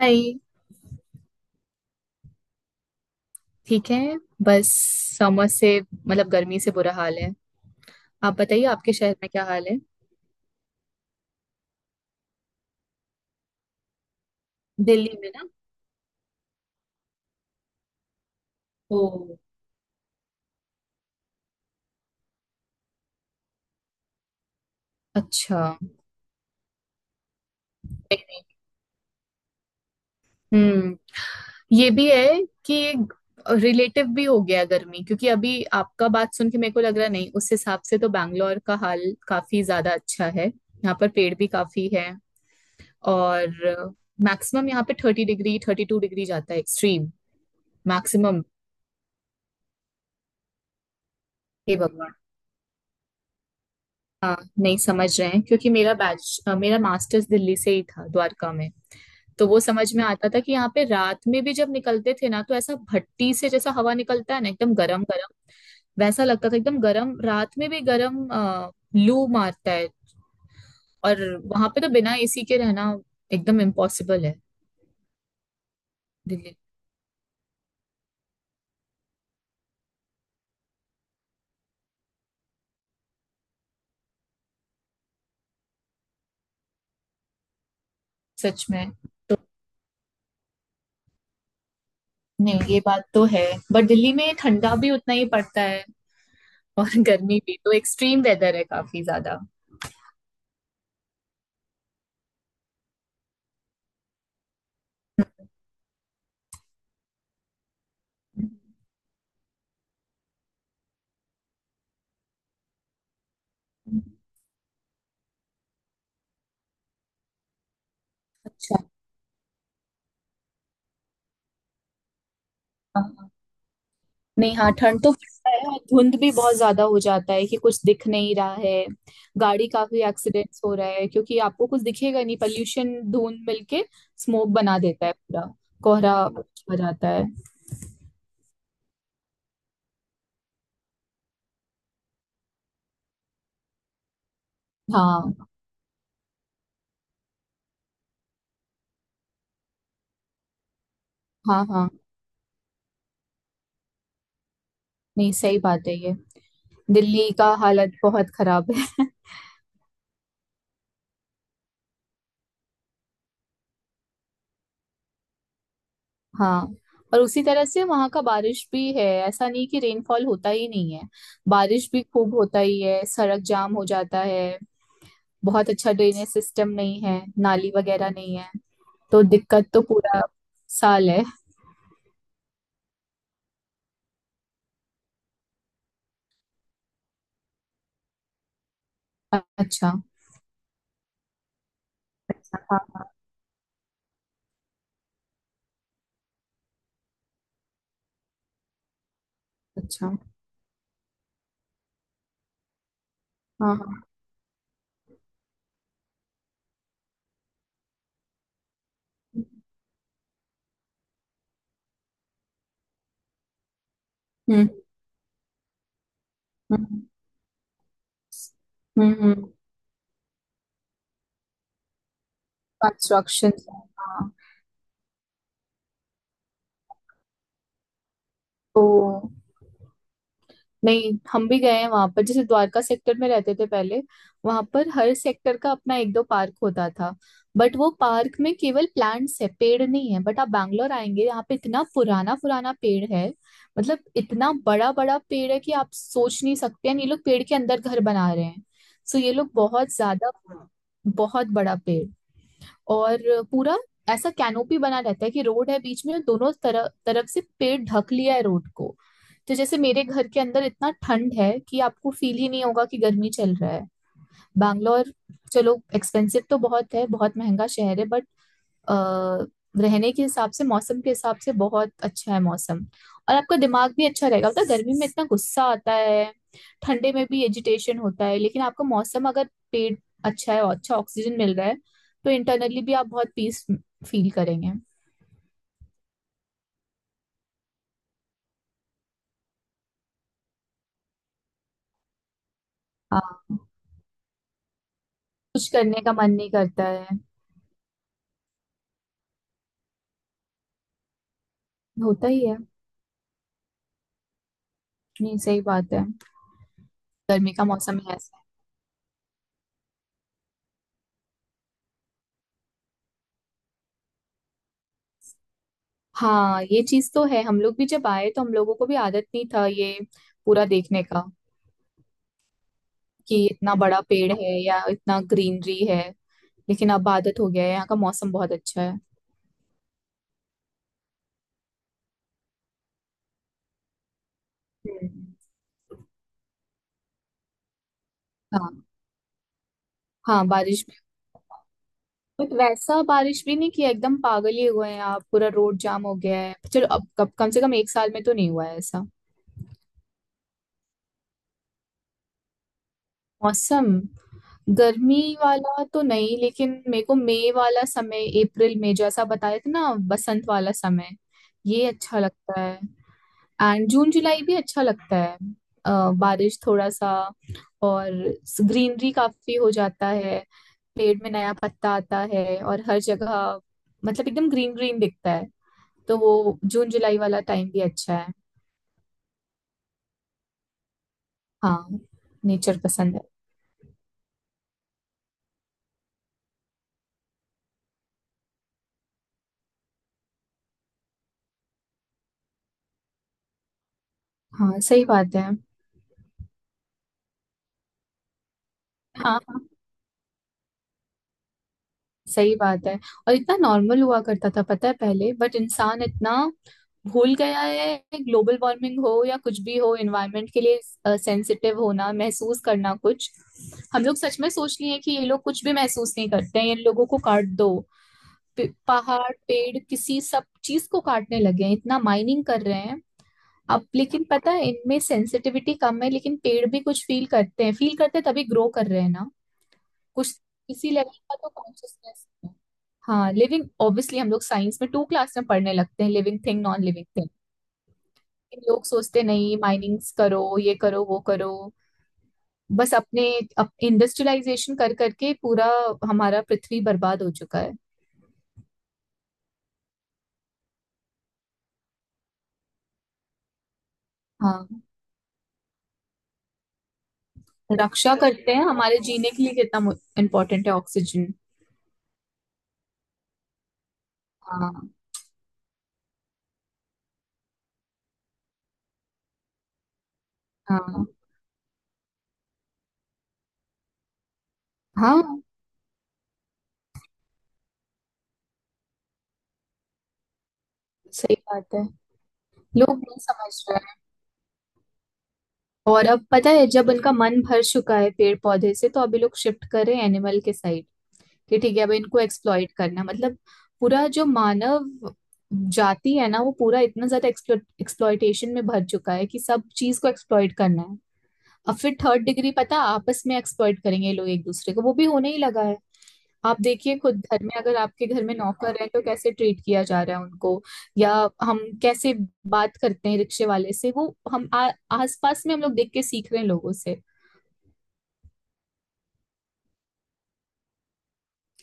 हाय। ठीक है। बस समर से मतलब गर्मी से बुरा हाल है। आप बताइए, आपके शहर में क्या हाल है? दिल्ली में ना। ओ। अच्छा। नहीं, नहीं। हम्म। ये भी है कि एक रिलेटिव भी हो गया गर्मी, क्योंकि अभी आपका बात सुन के मेरे को लग रहा नहीं उस हिसाब से। तो बैंगलोर का हाल काफी ज्यादा अच्छा है, यहाँ पर पेड़ भी काफी है। और मैक्सिमम यहाँ पे 30 डिग्री 32 डिग्री जाता है, एक्सट्रीम मैक्सिमम। हे भगवान। हाँ, नहीं समझ रहे हैं क्योंकि मेरा बैच मेरा मास्टर्स दिल्ली से ही था, द्वारका में। तो वो समझ में आता था कि यहाँ पे रात में भी जब निकलते थे ना, तो ऐसा भट्टी से जैसा हवा निकलता है ना, एकदम गरम गरम। वैसा लगता था, एकदम गरम, रात में भी गरम लू मारता है। और वहां पे तो बिना एसी के रहना एकदम इम्पॉसिबल है। दिल्ली। सच में। नहीं, ये बात तो है, बट दिल्ली में ठंडा भी उतना ही पड़ता है। और गर्मी भी, तो एक्सट्रीम वेदर है काफी ज्यादा। हम्म। अच्छा हाँ। नहीं हाँ, ठंड तो पड़ता है और धुंध भी बहुत ज्यादा हो जाता है कि कुछ दिख नहीं रहा है। गाड़ी काफी एक्सीडेंट्स हो रहा है, क्योंकि आपको कुछ दिखेगा नहीं, पॉल्यूशन धुंध मिलके स्मोक बना देता है पूरा। कोहरा हो जाता है। हाँ हाँ। हाँ, नहीं सही बात है ये, दिल्ली का हालत बहुत खराब है। हाँ। और उसी तरह से वहाँ का बारिश भी है, ऐसा नहीं कि रेनफॉल होता ही नहीं है। बारिश भी खूब होता ही है, सड़क जाम हो जाता है। बहुत अच्छा ड्रेनेज सिस्टम नहीं है, नाली वगैरह नहीं है। तो दिक्कत तो पूरा साल है। अच्छा। अच्छा हाँ। अच्छा। हाँ हाँ। हम्म हम्म। हम्म। कंस्ट्रक्शन। हाँ। तो नहीं, हम भी गए हैं वहां पर, जैसे द्वारका सेक्टर में रहते थे पहले। वहां पर हर सेक्टर का अपना एक दो पार्क होता था। बट वो पार्क में केवल प्लांट्स है, पेड़ नहीं है। बट आप बैंगलोर आएंगे, यहाँ पे इतना पुराना पुराना पेड़ है। मतलब इतना बड़ा बड़ा पेड़ है कि आप सोच नहीं सकते हैं, ये लोग पेड़ के अंदर घर बना रहे हैं। सो ये लोग बहुत ज्यादा, बहुत बड़ा पेड़। और पूरा ऐसा कैनोपी बना रहता है कि रोड है बीच में, दोनों तरफ तरफ से पेड़ ढक लिया है रोड को। तो जैसे मेरे घर के अंदर इतना ठंड है कि आपको फील ही नहीं होगा कि गर्मी चल रहा है। बैंगलोर, चलो एक्सपेंसिव तो बहुत है, बहुत महंगा शहर है, बट रहने के हिसाब से, मौसम के हिसाब से बहुत अच्छा है मौसम। और आपका दिमाग भी अच्छा रहेगा, पता है, गर्मी में इतना गुस्सा आता है। ठंडे में भी एजिटेशन होता है, लेकिन आपका मौसम अगर पेट अच्छा है और अच्छा ऑक्सीजन मिल रहा है, तो इंटरनली भी आप बहुत पीस फील करेंगे। हाँ। कुछ करने का मन नहीं करता है। होता ही है। नहीं, सही बात है। गर्मी का मौसम है ऐसा। हाँ, ये चीज तो है। हम लोग भी जब आए तो हम लोगों को भी आदत नहीं था ये पूरा देखने का, कि इतना बड़ा पेड़ है या इतना ग्रीनरी है। लेकिन अब आदत हो गया है, यहाँ का मौसम बहुत अच्छा है। हम्म। हाँ हाँ, बारिश भी, बट वैसा बारिश भी नहीं किया, एकदम पागल ही हुए हैं, आप पूरा रोड जाम हो गया है, चलो अब कब, कम से कम एक साल में तो नहीं हुआ है ऐसा। मौसम, गर्मी वाला तो नहीं, लेकिन मेरे को मई वाला समय, अप्रैल में जैसा बताया था ना बसंत वाला समय, ये अच्छा लगता है। एंड जून जुलाई भी अच्छा लगता है। बारिश थोड़ा सा और ग्रीनरी काफी हो जाता है, पेड़ में नया पत्ता आता है और हर जगह मतलब एकदम ग्रीन ग्रीन दिखता है। तो वो जून जुलाई वाला टाइम भी अच्छा है। हाँ, नेचर पसंद है। हाँ, सही बात है। हाँ, सही बात है, और इतना नॉर्मल हुआ करता था पता है पहले, बट इंसान इतना भूल गया है। ग्लोबल वार्मिंग हो या कुछ भी हो, एनवायरनमेंट के लिए सेंसिटिव होना, महसूस करना कुछ, हम लोग सच में सोच लिए हैं कि ये लोग कुछ भी महसूस नहीं करते हैं, इन लोगों को काट दो। पहाड़ पेड़ किसी सब चीज को काटने लगे हैं, इतना माइनिंग कर रहे हैं। अब लेकिन पता है, इनमें सेंसिटिविटी कम है, लेकिन पेड़ भी कुछ फील करते हैं, फील करते हैं तभी ग्रो कर रहे हैं ना। कुछ इसी लेवल का तो कॉन्शियसनेस। हाँ, लिविंग ऑब्वियसली, हम लोग साइंस में टू क्लास में पढ़ने लगते हैं, living thing non living thing. लोग सोचते नहीं, माइनिंग्स करो, ये करो, वो करो, बस अपने इंडस्ट्रियलाइजेशन कर करके पूरा हमारा पृथ्वी बर्बाद हो चुका है। हाँ, रक्षा करते हैं, हमारे जीने के लिए कितना इम्पोर्टेंट है ऑक्सीजन। हाँ हाँ। हाँ, सही बात है। लोग नहीं समझ रहे हैं। और अब पता है, जब उनका मन भर चुका है पेड़ पौधे से, तो अभी लोग शिफ्ट कर रहे हैं एनिमल के साइड, कि ठीक है अब इनको एक्सप्लॉइट करना है। मतलब पूरा जो मानव जाति है ना, वो पूरा इतना ज्यादा एक्सप्लॉइटेशन में भर चुका है कि सब चीज को एक्सप्लॉइट करना है। अब फिर थर्ड डिग्री, पता, आपस में एक्सप्लॉइट करेंगे ये लोग एक दूसरे को, वो भी होने ही लगा है। आप देखिए, खुद घर में, अगर आपके घर में नौकर है तो कैसे ट्रीट किया जा रहा है उनको। या हम कैसे बात करते हैं रिक्शे वाले से, वो हम आस पास में हम लोग देख के सीख रहे हैं लोगों से।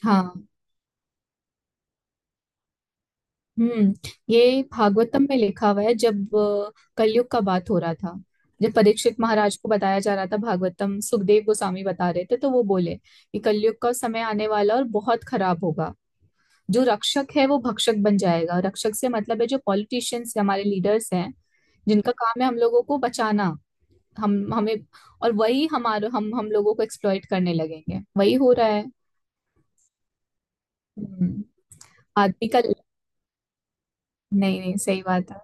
हाँ। हम्म। ये भागवतम में लिखा हुआ है, जब कलयुग का बात हो रहा था, जब परीक्षित महाराज को बताया जा रहा था भागवतम, सुखदेव गोस्वामी बता रहे थे, तो वो बोले कि कलयुग का समय आने वाला और बहुत खराब होगा, जो रक्षक है वो भक्षक बन जाएगा। रक्षक से मतलब है जो पॉलिटिशियंस, हमारे लीडर्स हैं, जिनका काम है हम लोगों को बचाना, हम हमें, और वही हमारे हम लोगों को एक्सप्लॉइट करने लगेंगे, वही हो रहा है। हम्म, आदमी का। नहीं नहीं, सही बात है।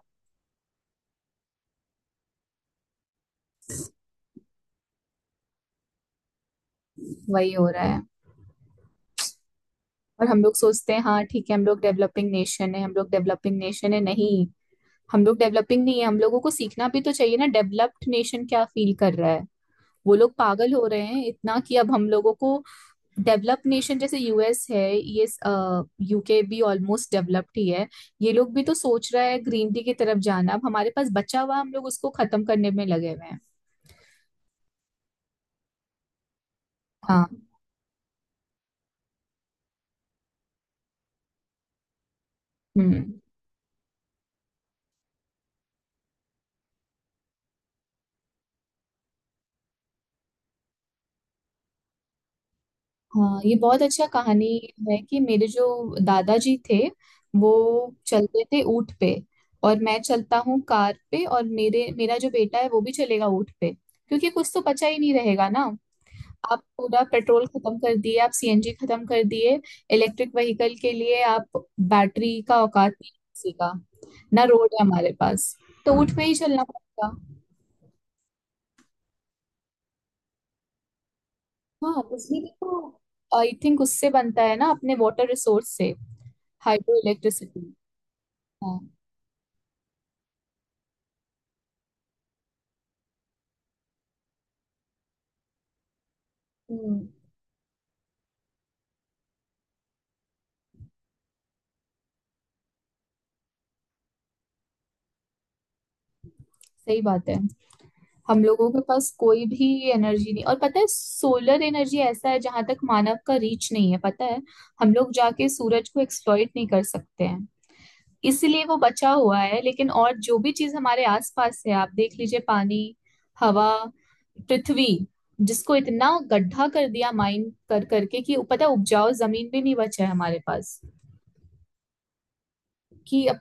वही हो रहा है। और हम लोग सोचते हैं हाँ ठीक है, हम लोग डेवलपिंग नेशन है, हम लोग डेवलपिंग नेशन है। नहीं, हम लोग डेवलपिंग नहीं है, हम लोगों को सीखना भी तो चाहिए ना डेवलप्ड नेशन क्या फील कर रहा है। वो लोग पागल हो रहे हैं इतना, कि अब हम लोगों को डेवलप नेशन जैसे यूएस है ये, यूके भी ऑलमोस्ट डेवलप्ड ही है, ये लोग भी तो सोच रहा है ग्रीन टी की तरफ जाना। अब हमारे पास बचा हुआ, हम लोग उसको खत्म करने में लगे हुए हैं। हाँ। हम्म। हाँ, ये बहुत अच्छा कहानी है, कि मेरे जो दादाजी थे, वो चलते थे ऊँट पे, और मैं चलता हूँ कार पे, और मेरे मेरा जो बेटा है वो भी चलेगा ऊँट पे, क्योंकि कुछ तो बचा ही नहीं रहेगा ना। आप पूरा पेट्रोल खत्म कर दिए, आप सीएनजी खत्म कर दिए। इलेक्ट्रिक व्हीकल के लिए आप, बैटरी का औकात नहीं है किसी का। ना रोड है हमारे पास, तो ऊँट पे ही चलना पड़ेगा। हाँ, बिजली भी तो, आई थिंक उससे बनता है ना अपने वाटर रिसोर्स से, हाइड्रो इलेक्ट्रिसिटी। हम्म। सही बात है, हम लोगों के पास कोई भी एनर्जी नहीं। और पता है, सोलर एनर्जी ऐसा है जहां तक मानव का रीच नहीं है, पता है, हम लोग जाके सूरज को एक्सप्लॉइट नहीं कर सकते हैं, इसलिए वो बचा हुआ है। लेकिन और जो भी चीज हमारे आसपास है, आप देख लीजिए, पानी, हवा, पृथ्वी, जिसको इतना गड्ढा कर दिया माइन कर करके, कि पता है उपजाऊ जमीन भी नहीं बचा है हमारे पास कि अब।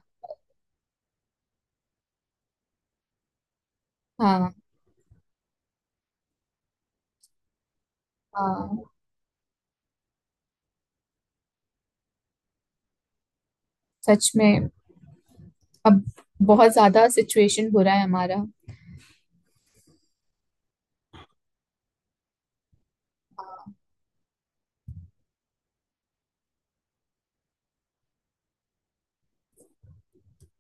हाँ हाँ, सच में। अब बहुत ज्यादा सिचुएशन बुरा है हमारा।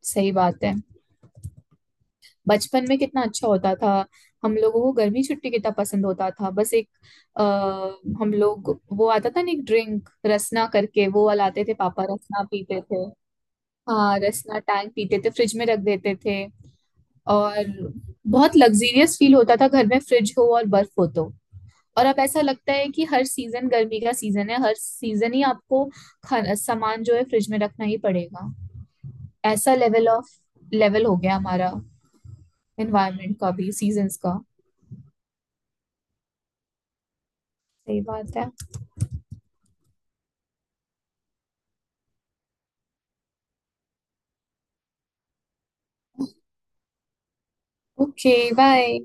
सही बात है। बचपन में कितना अच्छा होता था, हम लोगों को गर्मी छुट्टी कितना पसंद होता था। बस एक आ, हम लोग, वो आता था ना, एक ड्रिंक रसना करके, वो वाला आते थे, पापा रसना पीते थे। हाँ, रसना टैंक पीते थे, फ्रिज में रख देते थे। और बहुत लग्जीरियस फील होता था, घर में फ्रिज हो और बर्फ हो तो। और अब ऐसा लगता है कि हर सीजन गर्मी का सीजन है, हर सीजन ही आपको खाना सामान जो है फ्रिज में रखना ही पड़ेगा। ऐसा लेवल हो गया हमारा, एनवायरनमेंट का भी, सीजन्स का। सही बात है। Okay bye.